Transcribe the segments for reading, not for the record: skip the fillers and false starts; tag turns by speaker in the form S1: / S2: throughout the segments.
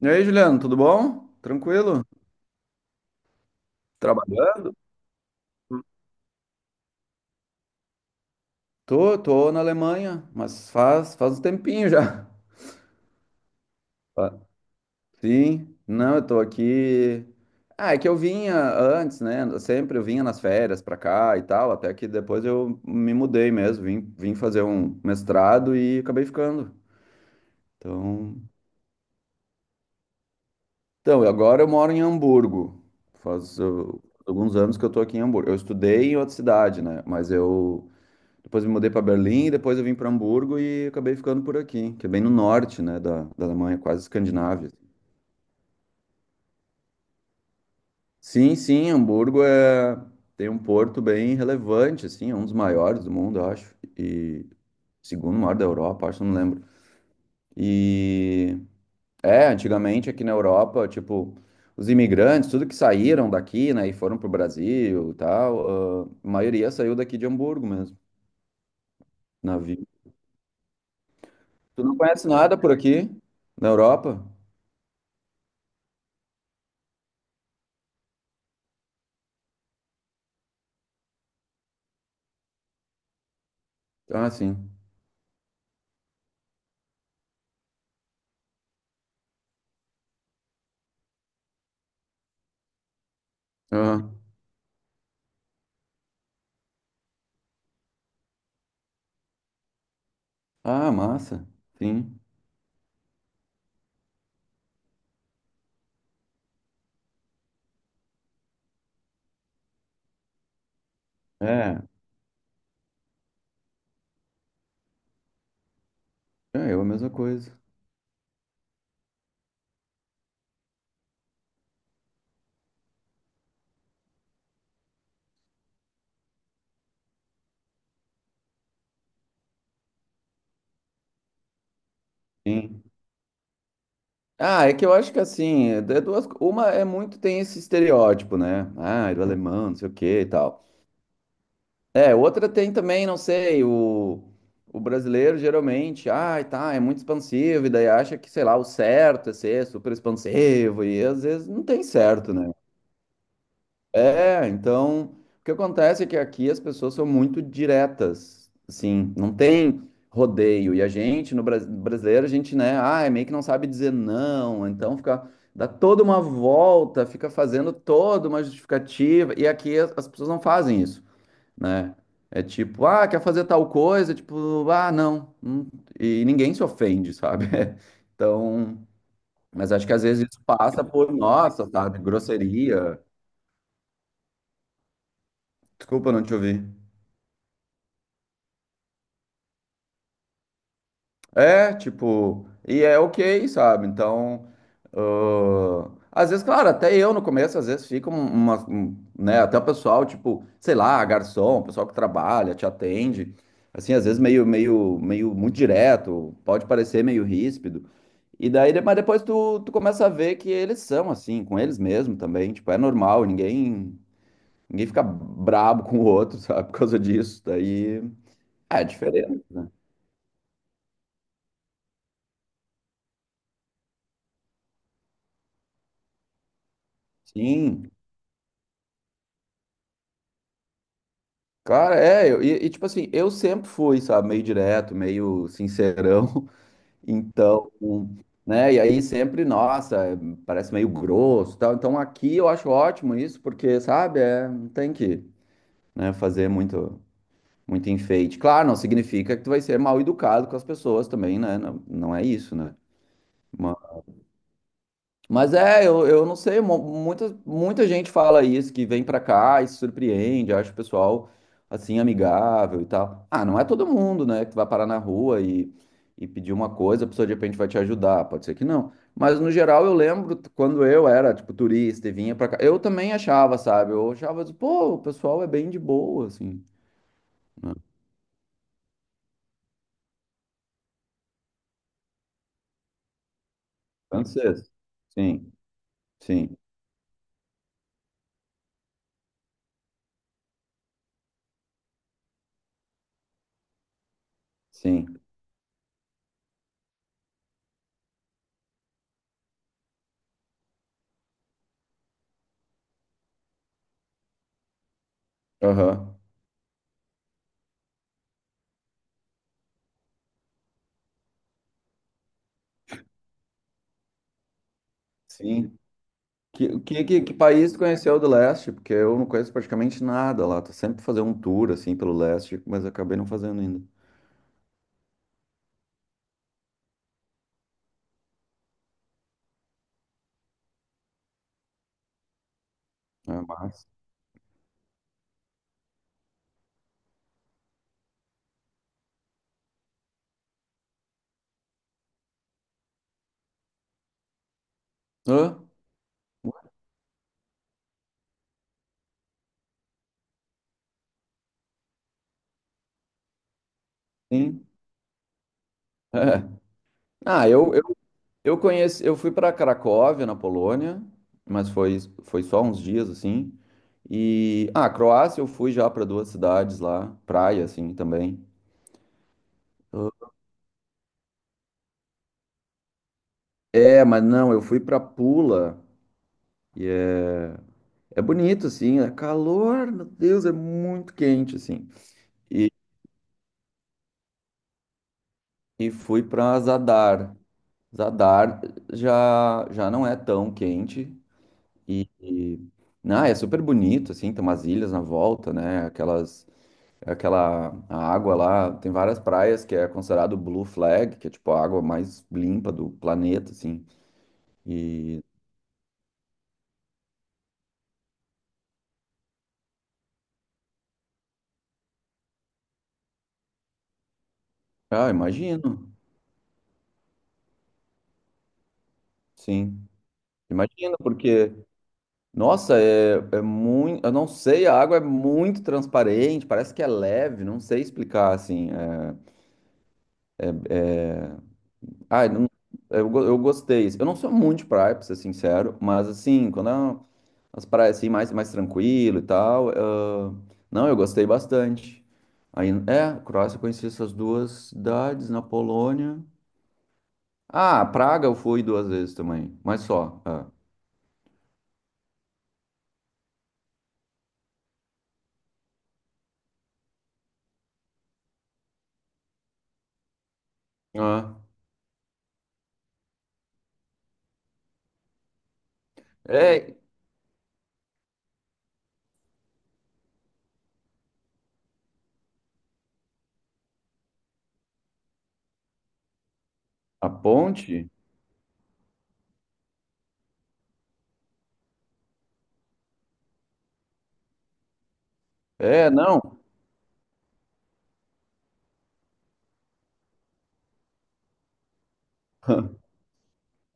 S1: E aí, Juliano, tudo bom? Tranquilo? Trabalhando? Tô na Alemanha, mas faz um tempinho já. Ah, sim, não, eu tô aqui. Ah, é que eu vinha antes, né? Sempre eu vinha nas férias pra cá e tal, até que depois eu me mudei mesmo, vim fazer um mestrado e acabei ficando. Então, então, agora eu moro em Hamburgo. Faz alguns anos que eu tô aqui em Hamburgo. Eu estudei em outra cidade, né? Mas eu, depois, me mudei para Berlim, depois eu vim para Hamburgo e acabei ficando por aqui, que é bem no norte, né, da Alemanha, quase Escandinávia, assim. Sim, sim, Hamburgo tem um porto bem relevante, assim, é um dos maiores do mundo, eu acho, e segundo maior da Europa, acho, não lembro. E antigamente aqui na Europa, tipo, os imigrantes, tudo que saíram daqui, né, e foram pro Brasil, e tal, ah, a maioria saiu daqui de Hamburgo mesmo, navio. Tu não conhece nada por aqui na Europa? Ah, sim. Aham. Ah, massa. Sim. É, é, eu a mesma coisa. Sim. Ah, é que eu acho que assim, é duas, uma é muito tem esse estereótipo, né? Ah, do alemão, não sei o que e tal. É, outra tem também, não sei, o brasileiro geralmente, ah, tá, é muito expansivo, e daí acha que, sei lá, o certo é ser super expansivo, e às vezes não tem certo, né? É, então, o que acontece é que aqui as pessoas são muito diretas, assim, não tem rodeio. E a gente, no brasileiro, a gente, né, ah, é meio que não sabe dizer não, então fica, dá toda uma volta, fica fazendo toda uma justificativa, e aqui as pessoas não fazem isso, né? É tipo, ah, quer fazer tal coisa, tipo, ah, não, e ninguém se ofende, sabe? Então, mas acho que às vezes isso passa por, nossa, sabe, grosseria. Desculpa não te ouvir. É, tipo, e é ok, sabe? Então, às vezes, claro, até eu no começo, às vezes fica um, né? Até o pessoal, tipo, sei lá, garçom, pessoal que trabalha, te atende, assim, às vezes meio muito direto, pode parecer meio ríspido. E daí, mas depois tu começa a ver que eles são assim, com eles mesmo também, tipo, é normal, ninguém fica brabo com o outro, sabe? Por causa disso, daí, ah, é diferente, né? Sim. Cara, é, eu, tipo assim, eu sempre fui, sabe, meio direto, meio sincerão, então, né, e aí sempre, nossa, é, parece meio grosso e tal, então aqui eu acho ótimo isso, porque, sabe, é, não tem que, né, fazer muito, muito enfeite. Claro, não significa que tu vai ser mal educado com as pessoas também, né, não, não é isso, né, mas é, eu não sei, muita, muita gente fala isso, que vem pra cá e se surpreende, acha o pessoal, assim, amigável e tal. Ah, não é todo mundo, né, que tu vai parar na rua e pedir uma coisa, a pessoa de repente vai te ajudar, pode ser que não. Mas, no geral, eu lembro quando eu era, tipo, turista e vinha pra cá, eu também achava, sabe, eu achava, assim, pô, o pessoal é bem de boa, assim, né? Francês. Sim, sim, sim, aham, sim. Que país tu conheceu do leste? Porque eu não conheço praticamente nada lá. Tô sempre fazendo um tour assim pelo leste, mas acabei não fazendo ainda. É, mas... Hã? Sim. É. Ah, eu fui para Cracóvia, na Polônia, mas foi só uns dias assim. E ah, Croácia eu fui já para duas cidades lá, praia assim também. Ah. É, mas não, eu fui para Pula. É é bonito, assim, é calor, meu Deus, é muito quente, assim. E e fui para Zadar. Zadar já não é tão quente e é super bonito, assim, tem umas ilhas na volta, né? Aquela a água lá, tem várias praias que é considerado Blue Flag, que é tipo a água mais limpa do planeta, assim. E ah, imagino, sim, imagino, porque nossa, é muito, eu não sei, a água é muito transparente, parece que é leve, não sei explicar, assim. É. É, Ai, não- eu, go- eu gostei. Eu não sou muito de praia, pra ser sincero, mas assim, quando é as praias assim, mais, mais tranquilo e tal, ah, não, eu gostei bastante. Aí, é, Croácia, eu conheci essas duas cidades na Polônia. Ah, Praga eu fui duas vezes também, mas só. É. Ah, é, a ponte? É, não,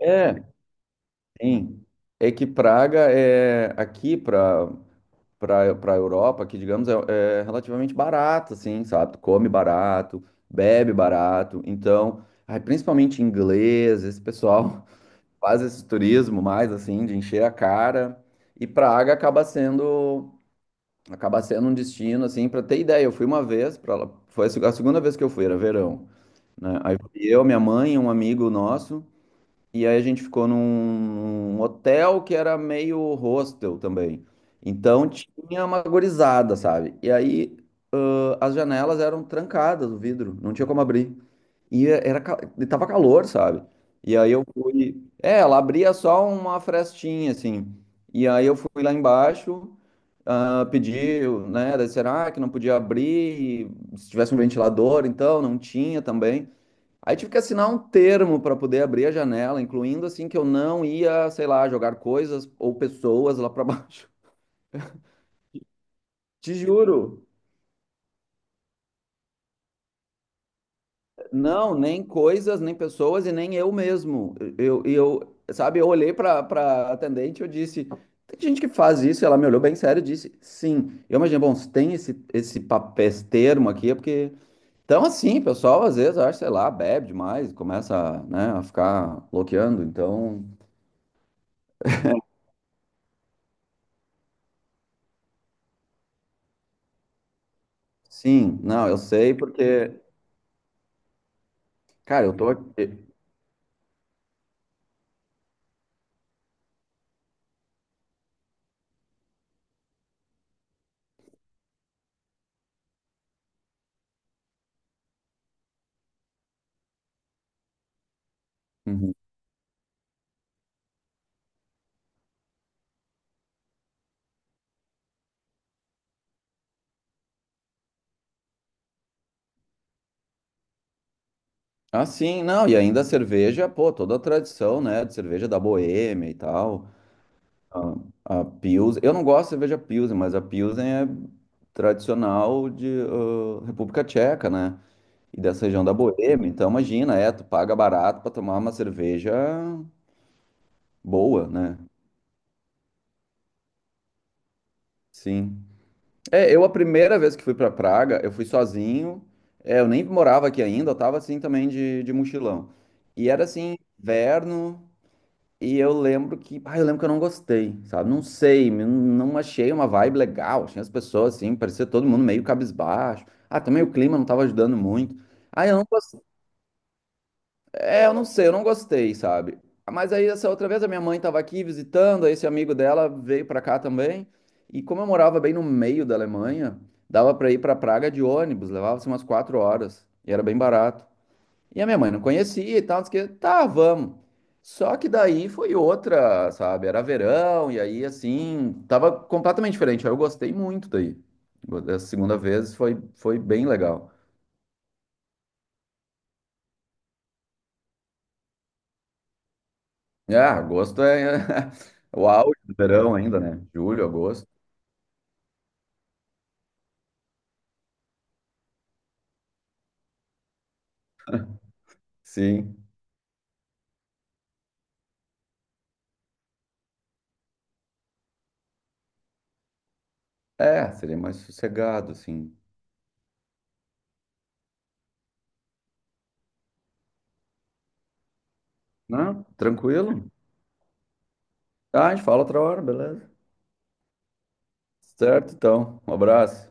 S1: é, sim. É que Praga é aqui para a Europa, que digamos é relativamente barato, assim, sabe? Tu come barato, bebe barato. Então, ai, principalmente inglês, esse pessoal faz esse turismo mais assim de encher a cara. E Praga acaba sendo um destino assim para ter ideia. Eu fui uma vez para foi a seg- a segunda vez que eu fui, era verão, né? Aí fui eu, minha mãe, e um amigo nosso. E aí a gente ficou num hotel que era meio hostel também. Então tinha uma gorizada, sabe? E aí as janelas eram trancadas, o vidro, não tinha como abrir. E tava calor, sabe? E aí eu fui. É, ela abria só uma frestinha, assim. E aí eu fui lá embaixo, ah, pedi, né? Daí será que não podia abrir? E se tivesse um ventilador, então, não tinha também. Aí tive que assinar um termo para poder abrir a janela, incluindo assim que eu não ia, sei lá, jogar coisas ou pessoas lá para baixo. Te juro, não, nem coisas, nem pessoas e nem eu mesmo. Eu, sabe, eu olhei para atendente e eu disse, tem gente que faz isso, e ela me olhou bem sério e disse, sim. Eu imaginei, bom, se tem esse papel, esse termo aqui, é porque então assim, pessoal, às vezes acho, sei lá, bebe demais, começa, né, a ficar bloqueando, então. Sim, não, eu sei porque. Cara, eu tô aqui. Uhum. Ah, sim, não, e ainda a cerveja, pô, toda a tradição, né, de cerveja da Boêmia e tal, a Pilsen, eu não gosto de cerveja Pilsen, mas a Pilsen é tradicional de República Tcheca, né, e dessa região da Boêmia, então imagina, é, tu paga barato pra tomar uma cerveja boa, né, sim. É, eu a primeira vez que fui pra Praga, eu fui sozinho, é, eu nem morava aqui ainda, eu tava assim também de mochilão, e era assim, inverno... E eu lembro que eu não gostei, sabe? Não sei, não achei uma vibe legal. Tinha as pessoas assim, parecia todo mundo meio cabisbaixo. Ah, também o clima não estava ajudando muito. Ah, eu não gostei. É, eu não sei, eu não gostei, sabe? Mas aí essa outra vez a minha mãe estava aqui visitando, aí esse amigo dela veio para cá também. E como eu morava bem no meio da Alemanha, dava para ir para Praga de ônibus, levava-se umas 4 horas e era bem barato. E a minha mãe não conhecia e tal, disse que, tá, vamos. Só que daí foi outra, sabe? Era verão, e aí assim, tava completamente diferente. Aí eu gostei muito daí. Essa segunda vez foi bem legal. É, agosto é o auge do verão ainda, né? Julho, agosto. Sim. É, seria mais sossegado, assim. Não, tranquilo. Tá, a gente fala outra hora, beleza? Certo, então. Um abraço.